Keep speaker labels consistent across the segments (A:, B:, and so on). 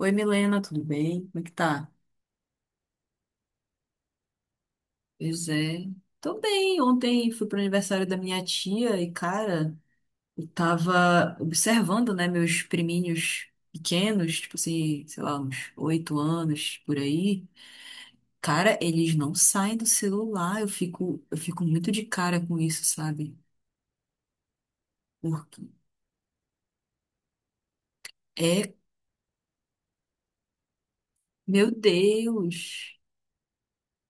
A: Oi, Milena, tudo bem? Como é que tá? Pois é. Tô bem. Ontem fui pro aniversário da minha tia e, cara, eu tava observando, né, meus priminhos pequenos, tipo assim, sei lá, uns 8 anos por aí. Cara, eles não saem do celular. Eu fico muito de cara com isso, sabe? Porque é, meu Deus.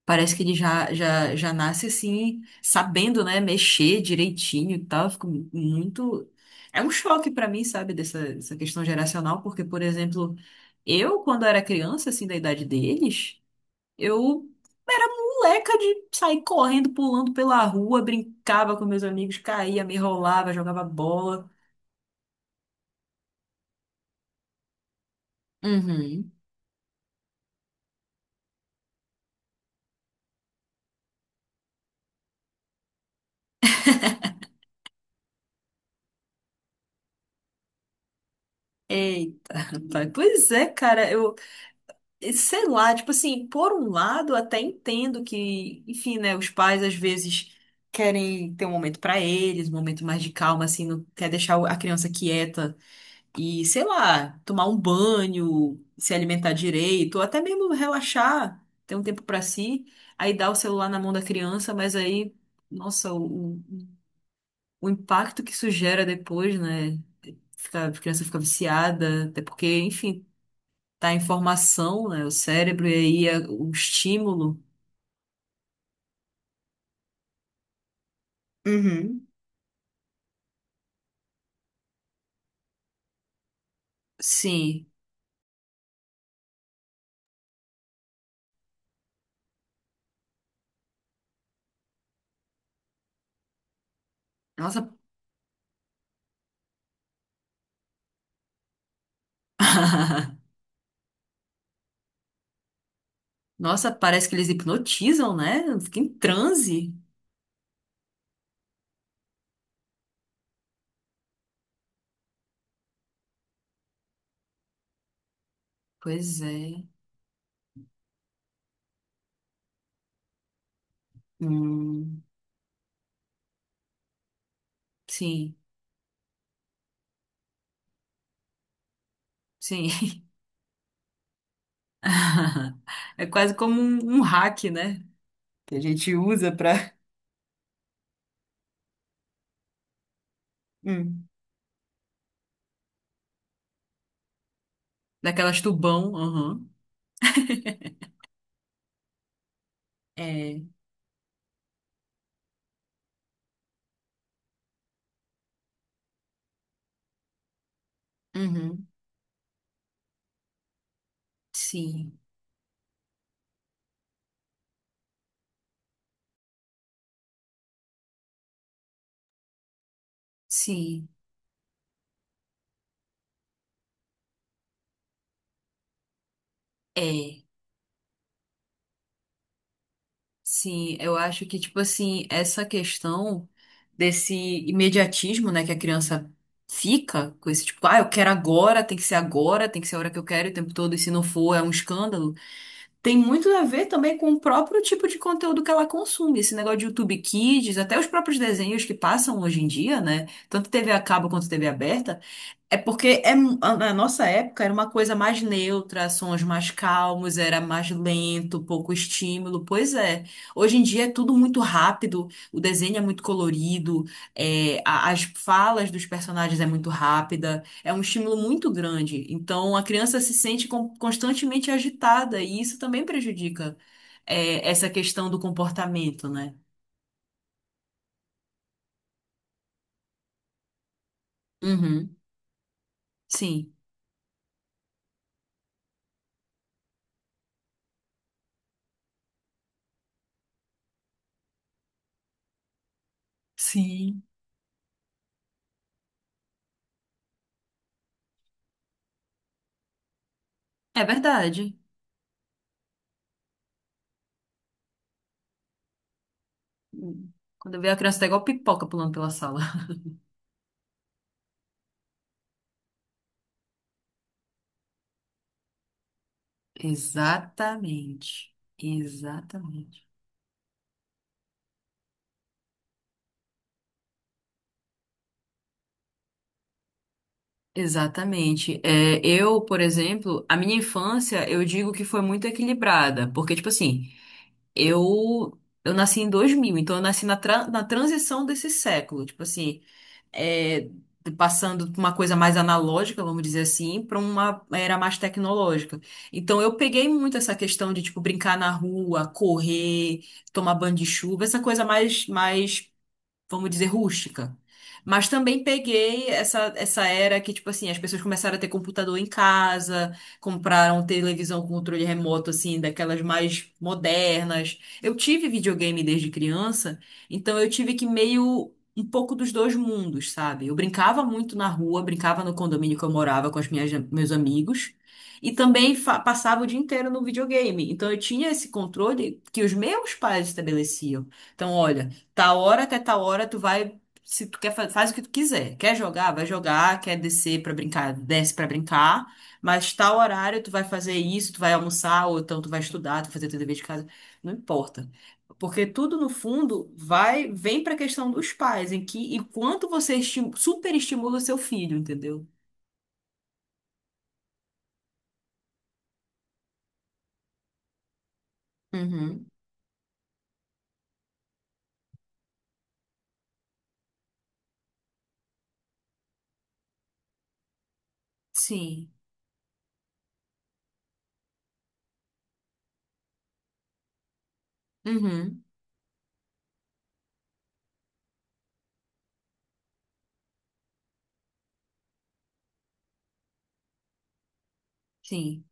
A: Parece que ele já nasce assim, sabendo, né, mexer direitinho e tal. Eu fico muito. É um choque pra mim, sabe, dessa questão geracional, porque, por exemplo, eu, quando era criança, assim, da idade deles, eu era moleca de sair correndo, pulando pela rua, brincava com meus amigos, caía, me enrolava, jogava bola. Uhum. Eita, rapaz. Pois é, cara, eu. Sei lá, tipo assim, por um lado, até entendo que, enfim, né, os pais às vezes querem ter um momento pra eles, um momento mais de calma, assim, não quer deixar a criança quieta e, sei lá, tomar um banho, se alimentar direito, ou até mesmo relaxar, ter um tempo pra si, aí dá o celular na mão da criança, mas aí, nossa, o impacto que isso gera depois, né? Fica, a criança fica viciada, até porque, enfim, tá em formação, né? O cérebro, e aí é o estímulo. Uhum. Sim. Nossa. Nossa, parece que eles hipnotizam, né? Fica em transe. Pois é. Hum, sim, sim. É quase como um hack, né? Que a gente usa pra. Hum. Daquelas tubão. Aham. É. Uhum. Sim, sim. É. Sim, eu acho que, tipo assim, essa questão desse imediatismo, né, que a criança fica com esse tipo, ah, eu quero agora, tem que ser agora, tem que ser a hora que eu quero o tempo todo, e se não for, é um escândalo. Tem muito a ver também com o próprio tipo de conteúdo que ela consome. Esse negócio de YouTube Kids, até os próprios desenhos que passam hoje em dia, né, tanto TV a cabo quanto TV aberta. É porque é, na nossa época era uma coisa mais neutra, sons mais calmos, era mais lento, pouco estímulo. Pois é. Hoje em dia é tudo muito rápido, o desenho é muito colorido, é, as falas dos personagens é muito rápida, é um estímulo muito grande. Então a criança se sente constantemente agitada e isso também prejudica, é, essa questão do comportamento, né? Uhum, sim. Sim. É verdade. Hum. Quando eu vi a criança, tá igual pipoca pulando pela sala. Exatamente. Exatamente. Exatamente. É, eu, por exemplo, a minha infância, eu digo que foi muito equilibrada, porque, tipo assim, Eu, eu nasci em 2000, então eu nasci na, na transição desse século, tipo assim, é, passando de uma coisa mais analógica, vamos dizer assim, para uma era mais tecnológica. Então eu peguei muito essa questão de, tipo, brincar na rua, correr, tomar banho de chuva, essa coisa mais, mais, vamos dizer, rústica. Mas também peguei essa, essa era que, tipo assim, as pessoas começaram a ter computador em casa, compraram televisão com controle remoto, assim, daquelas mais modernas. Eu tive videogame desde criança, então eu tive que meio. Um pouco dos dois mundos, sabe? Eu brincava muito na rua, brincava no condomínio que eu morava com as minhas, meus amigos, e também passava o dia inteiro no videogame. Então eu tinha esse controle que os meus pais estabeleciam. Então, olha. Tal hora até tal hora tu vai, se tu quer, faz o que tu quiser. Quer jogar, vai jogar, quer descer pra brincar, desce pra brincar, mas tal horário tu vai fazer isso, tu vai almoçar, ou então tu vai estudar, tu vai fazer teu dever de casa, não importa. Porque tudo no fundo vai, vem pra questão dos pais, em que e quanto você superestimula o seu filho, entendeu? Uhum. Sim. Uhum. Sim.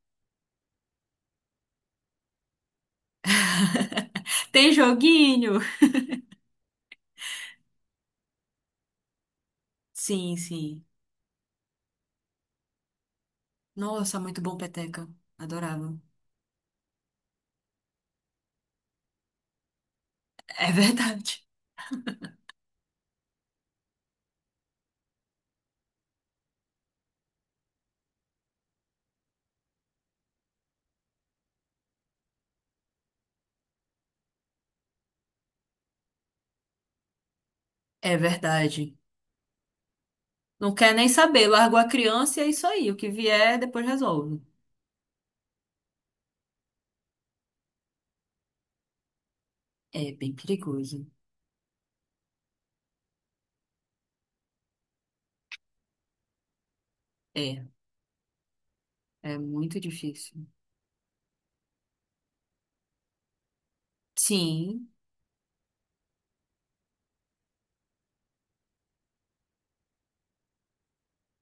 A: Tem joguinho. Sim, sim. Nossa, muito bom, peteca. Adorava. É verdade. É verdade. Não quer nem saber, largou a criança e é isso aí. O que vier, depois resolve. É bem perigoso. É, é muito difícil. Sim,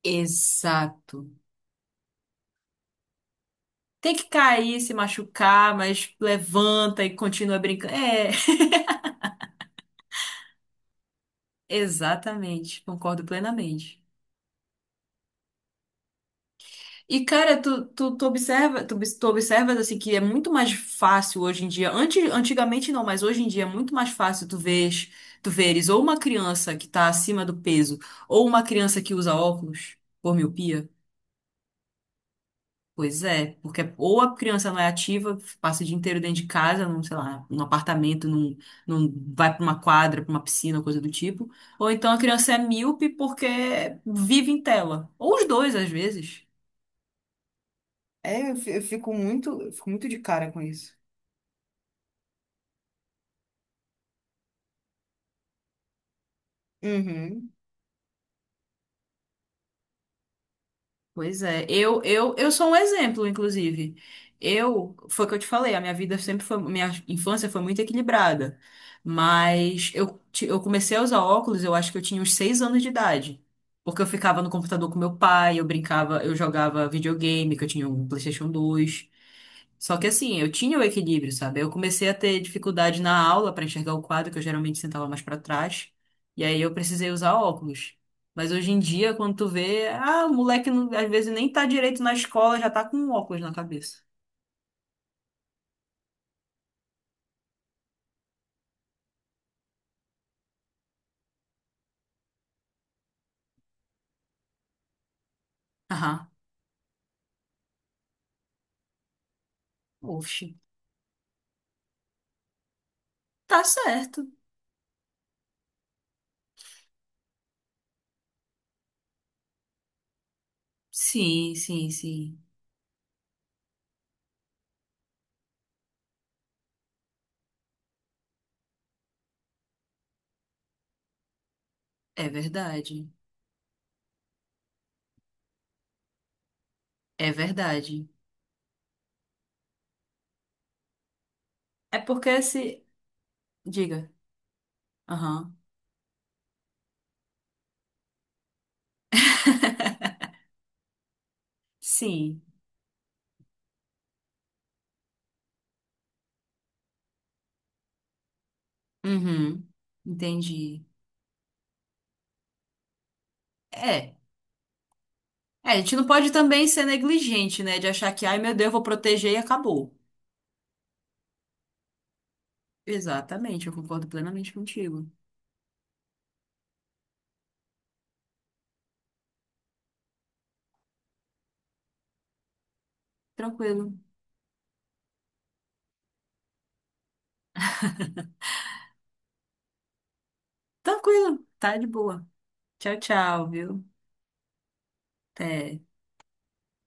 A: exato. Tem que cair, se machucar, mas levanta e continua brincando. É, exatamente. Concordo plenamente. E, cara, tu observa, tu, tu observas assim que é muito mais fácil hoje em dia. Antes, antigamente não, mas hoje em dia é muito mais fácil tu veres ou uma criança que tá acima do peso, ou uma criança que usa óculos por miopia. Pois é, porque ou a criança não é ativa, passa o dia inteiro dentro de casa, num, sei lá, num apartamento, vai pra uma quadra, pra uma piscina, coisa do tipo. Ou então a criança é míope porque vive em tela. Ou os dois, às vezes. É, eu fico muito de cara com isso. Uhum. Pois é, eu sou um exemplo, inclusive. Eu, foi o que eu te falei, a minha vida sempre foi, minha infância foi muito equilibrada. Mas eu, eu comecei a usar óculos, eu acho que eu tinha uns 6 anos de idade. Porque eu ficava no computador com meu pai, eu brincava, eu jogava videogame, que eu tinha um PlayStation 2. Só que assim, eu tinha o equilíbrio, sabe? Eu comecei a ter dificuldade na aula para enxergar o quadro, que eu geralmente sentava mais para trás. E aí eu precisei usar óculos. Mas hoje em dia, quando tu vê, ah, o moleque às vezes nem tá direito na escola, já tá com um óculos na cabeça. Aham. Oxe. Tá certo. Sim, sim, sim. É verdade. É verdade. É porque se. Diga. Aham. Sim. Uhum. Entendi. É. É, a gente não pode também ser negligente, né? De achar que, ai meu Deus, eu vou proteger e acabou. Exatamente, eu concordo plenamente contigo. Tranquilo. Tranquilo, tá de boa. Tchau, tchau, viu? Até.